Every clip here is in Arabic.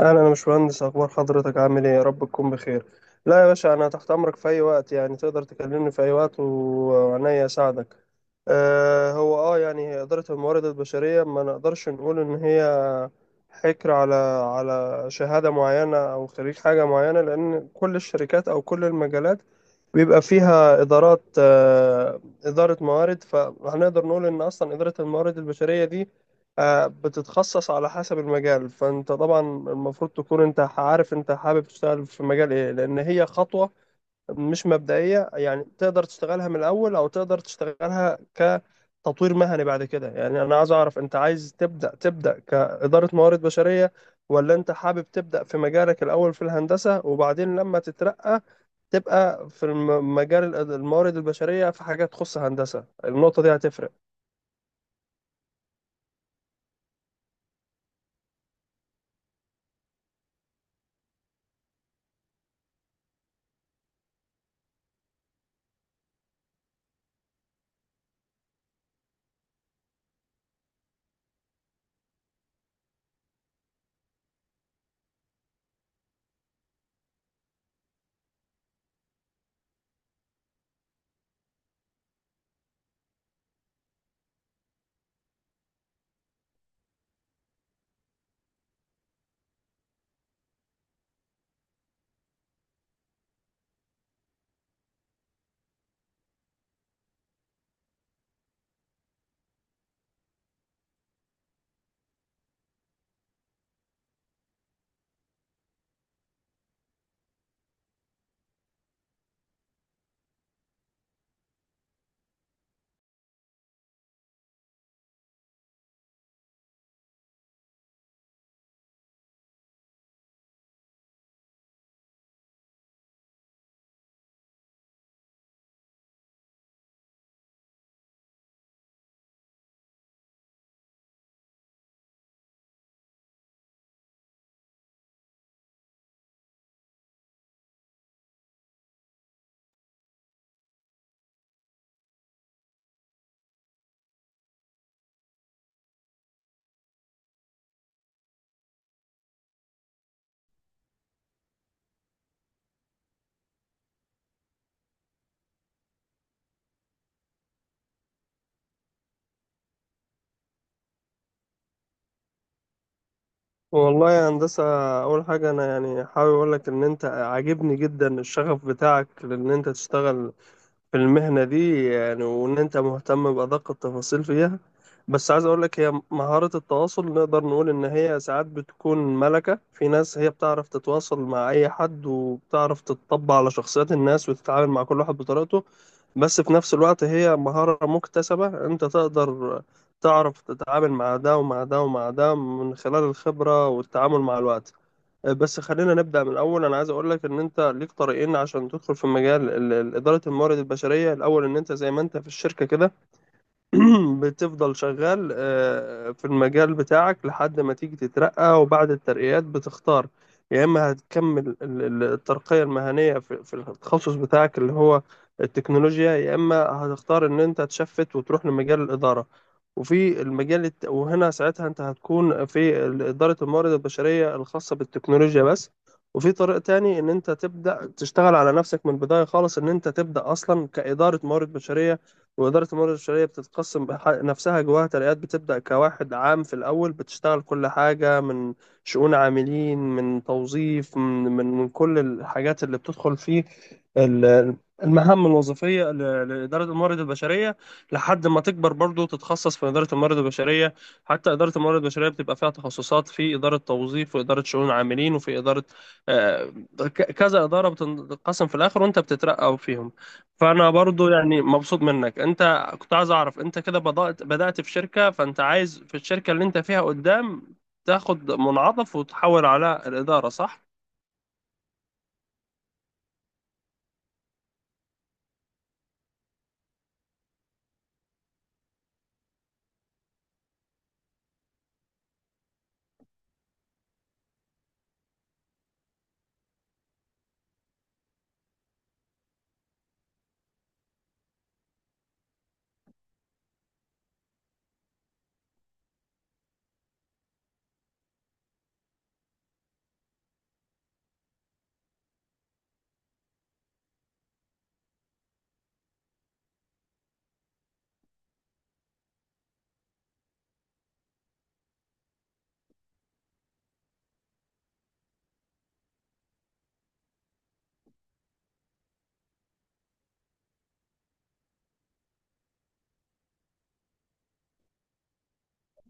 اهلا، انا مش مهندس. اخبار حضرتك؟ عامل ايه؟ يا رب تكون بخير. لا يا باشا، انا تحت امرك في اي وقت، يعني تقدر تكلمني في اي وقت وعينيا اساعدك. آه، هو يعني اداره الموارد البشريه ما نقدرش نقول ان هي حكر على شهاده معينه او خريج حاجه معينه، لان كل الشركات او كل المجالات بيبقى فيها إدارات، إدارة موارد، فهنقدر نقول إن أصلا إدارة الموارد البشرية دي بتتخصص على حسب المجال. فأنت طبعا المفروض تكون أنت عارف أنت حابب تشتغل في مجال إيه، لأن هي خطوة مش مبدئية، يعني تقدر تشتغلها من الأول أو تقدر تشتغلها كتطوير مهني بعد كده. يعني أنا عايز أعرف، أنت عايز تبدأ كإدارة موارد بشرية، ولا أنت حابب تبدأ في مجالك الأول في الهندسة وبعدين لما تترقى تبقى في مجال الموارد البشرية في حاجات تخص هندسة؟ النقطة دي هتفرق. والله يا هندسة، أول حاجة أنا يعني حابب أقول لك إن أنت عاجبني جدا الشغف بتاعك، لأن أنت تشتغل في المهنة دي يعني، وإن أنت مهتم بأدق التفاصيل فيها. بس عايز أقول لك، هي مهارة التواصل نقدر نقول إن هي ساعات بتكون ملكة في ناس، هي بتعرف تتواصل مع أي حد وبتعرف تتطبع على شخصيات الناس وتتعامل مع كل واحد بطريقته. بس في نفس الوقت هي مهارة مكتسبة، أنت تقدر تعرف تتعامل مع ده ومع ده ومع ده من خلال الخبرة والتعامل مع الوقت. بس خلينا نبدأ من الأول. أنا عايز أقول لك إن أنت ليك طريقين عشان تدخل في مجال إدارة الموارد البشرية. الأول إن أنت زي ما أنت في الشركة كده، بتفضل شغال في المجال بتاعك لحد ما تيجي تترقى، وبعد الترقيات بتختار يا إما هتكمل الترقية المهنية في التخصص بتاعك اللي هو التكنولوجيا، يا إما هتختار إن أنت تشفت وتروح لمجال الإدارة. وفي المجال وهنا ساعتها أنت هتكون في إدارة الموارد البشرية الخاصة بالتكنولوجيا بس. وفي طريق تاني إن أنت تبدأ تشتغل على نفسك من البداية خالص، إن أنت تبدأ أصلا كإدارة موارد بشرية. وإدارة الموارد البشرية بتتقسم نفسها جواها ترقيات، بتبدأ كواحد عام في الأول، بتشتغل كل حاجة من شؤون عاملين، من توظيف، من كل الحاجات اللي بتدخل فيه ال- المهام الوظيفية لإدارة الموارد البشرية، لحد ما تكبر برضو تتخصص في إدارة الموارد البشرية. حتى إدارة الموارد البشرية بتبقى فيها تخصصات في إدارة توظيف وإدارة شؤون عاملين وفي إدارة، آه، كذا إدارة بتنقسم في الآخر وأنت بتترقى فيهم. فانا برضو يعني مبسوط منك. انت كنت عايز اعرف، انت كده بدأت في شركة، فانت عايز في الشركة اللي انت فيها قدام تاخد منعطف وتحول على الإدارة، صح؟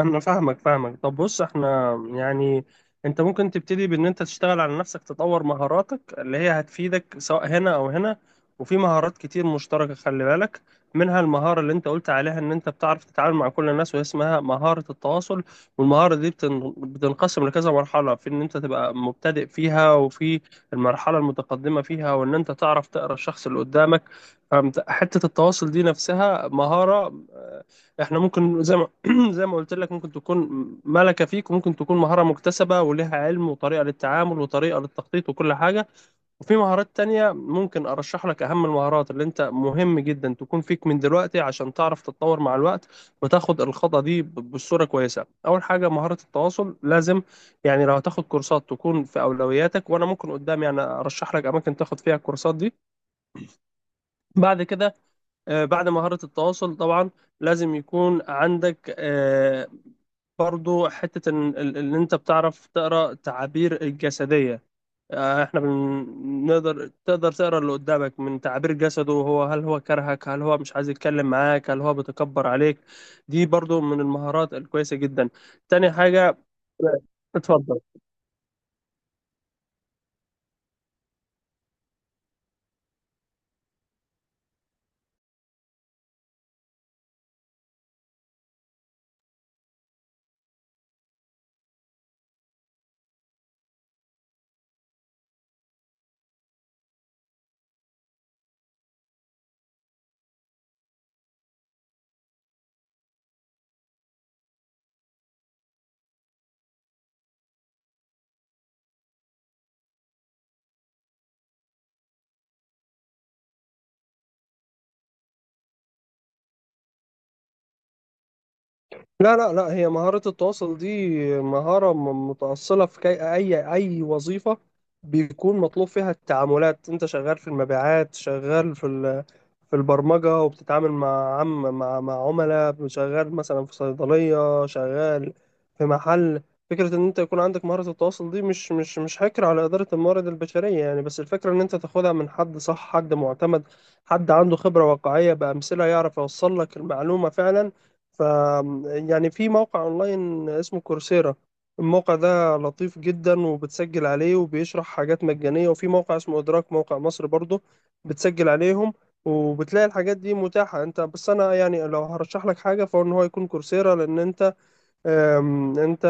انا فاهمك فاهمك. طب بص، احنا يعني انت ممكن تبتدي بان انت تشتغل على نفسك، تطور مهاراتك اللي هي هتفيدك سواء هنا او هنا. وفي مهارات كتير مشتركة، خلي بالك منها المهارة اللي انت قلت عليها ان انت بتعرف تتعامل مع كل الناس، وهي اسمها مهارة التواصل. والمهارة دي بتنقسم لكذا مرحلة، في ان انت تبقى مبتدئ فيها، وفي المرحلة المتقدمة فيها، وان انت تعرف تقرأ الشخص اللي قدامك. فحتة التواصل دي نفسها مهارة، آه، احنا ممكن زي ما زي ما قلت لك ممكن تكون ملكة فيك، وممكن تكون مهارة مكتسبة ولها علم وطريقة للتعامل وطريقة للتخطيط وكل حاجة. وفي مهارات تانية ممكن أرشح لك أهم المهارات اللي أنت مهم جدا تكون فيك من دلوقتي عشان تعرف تتطور مع الوقت، وتاخد الخطوة دي بصورة كويسة. أول حاجة مهارة التواصل، لازم يعني لو هتاخد كورسات تكون في أولوياتك، وأنا ممكن قدام يعني أرشح لك أماكن تاخد فيها الكورسات دي. بعد كده بعد مهارة التواصل طبعا لازم يكون عندك برضو حتة إن أنت بتعرف تقرأ تعابير الجسدية. إحنا تقدر تقرأ اللي قدامك من تعابير جسده، هل هو كرهك، هل هو مش عايز يتكلم معاك، هل هو بيتكبر عليك. دي برضو من المهارات الكويسة جدا. تاني حاجة. اتفضل. لا لا لا، هي مهارة التواصل دي مهارة متأصلة في كي أي وظيفة بيكون مطلوب فيها التعاملات. أنت شغال في المبيعات، شغال في في البرمجة وبتتعامل مع عم مع مع عملاء، شغال مثلا في صيدلية، شغال في محل. فكرة إن أنت يكون عندك مهارة التواصل دي مش حكر على إدارة الموارد البشرية يعني. بس الفكرة إن أنت تاخدها من حد صح، حد معتمد، حد عنده خبرة واقعية بأمثلة يعرف يوصل لك المعلومة فعلا. ف يعني في موقع اونلاين اسمه كورسيرا. الموقع ده لطيف جدا وبتسجل عليه وبيشرح حاجات مجانية. وفي موقع اسمه ادراك، موقع مصر برضو بتسجل عليهم، وبتلاقي الحاجات دي متاحة. انت بس انا يعني لو هرشح لك حاجة فهو ان هو يكون كورسيرا، لان انت انت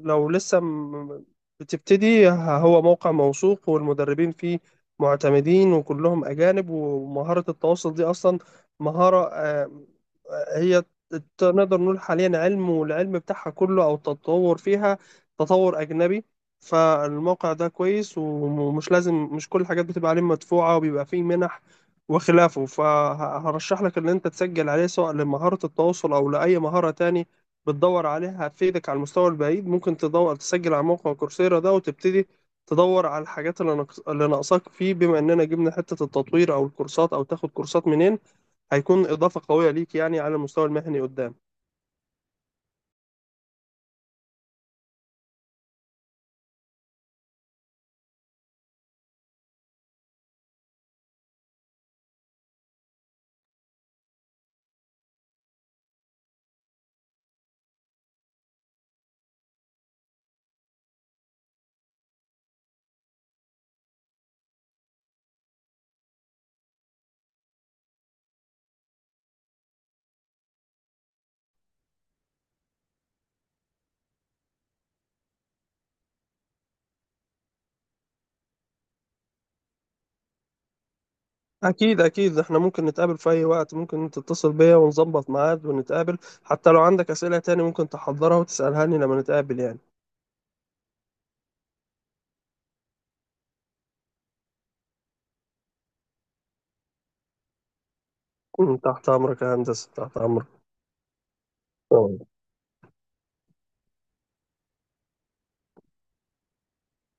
لو لسه بتبتدي هو موقع موثوق، والمدربين فيه معتمدين وكلهم أجانب. ومهارة التواصل دي أصلا مهارة، أم، هي نقدر نقول حاليا علم، والعلم بتاعها كله أو التطور فيها تطور أجنبي. فالموقع ده كويس، ومش لازم مش كل الحاجات بتبقى عليه مدفوعة، وبيبقى فيه منح وخلافه. فهرشح لك إن أنت تسجل عليه سواء لمهارة التواصل أو لأي مهارة تاني بتدور عليها، هتفيدك على المستوى البعيد. ممكن تدور تسجل على موقع كورسيرا ده وتبتدي تدور على الحاجات اللي اللي ناقصاك فيه. بما اننا جبنا حتة التطوير او الكورسات او تاخد كورسات منين، هيكون اضافة قوية ليك يعني على المستوى المهني قدام. اكيد اكيد، احنا ممكن نتقابل في اي وقت، ممكن انت تتصل بيا ونظبط ميعاد ونتقابل، حتى لو عندك اسئلة تاني ممكن تحضرها وتسألها لي لما نتقابل يعني. تحت امرك يا هندسة، تحت امرك. تمام.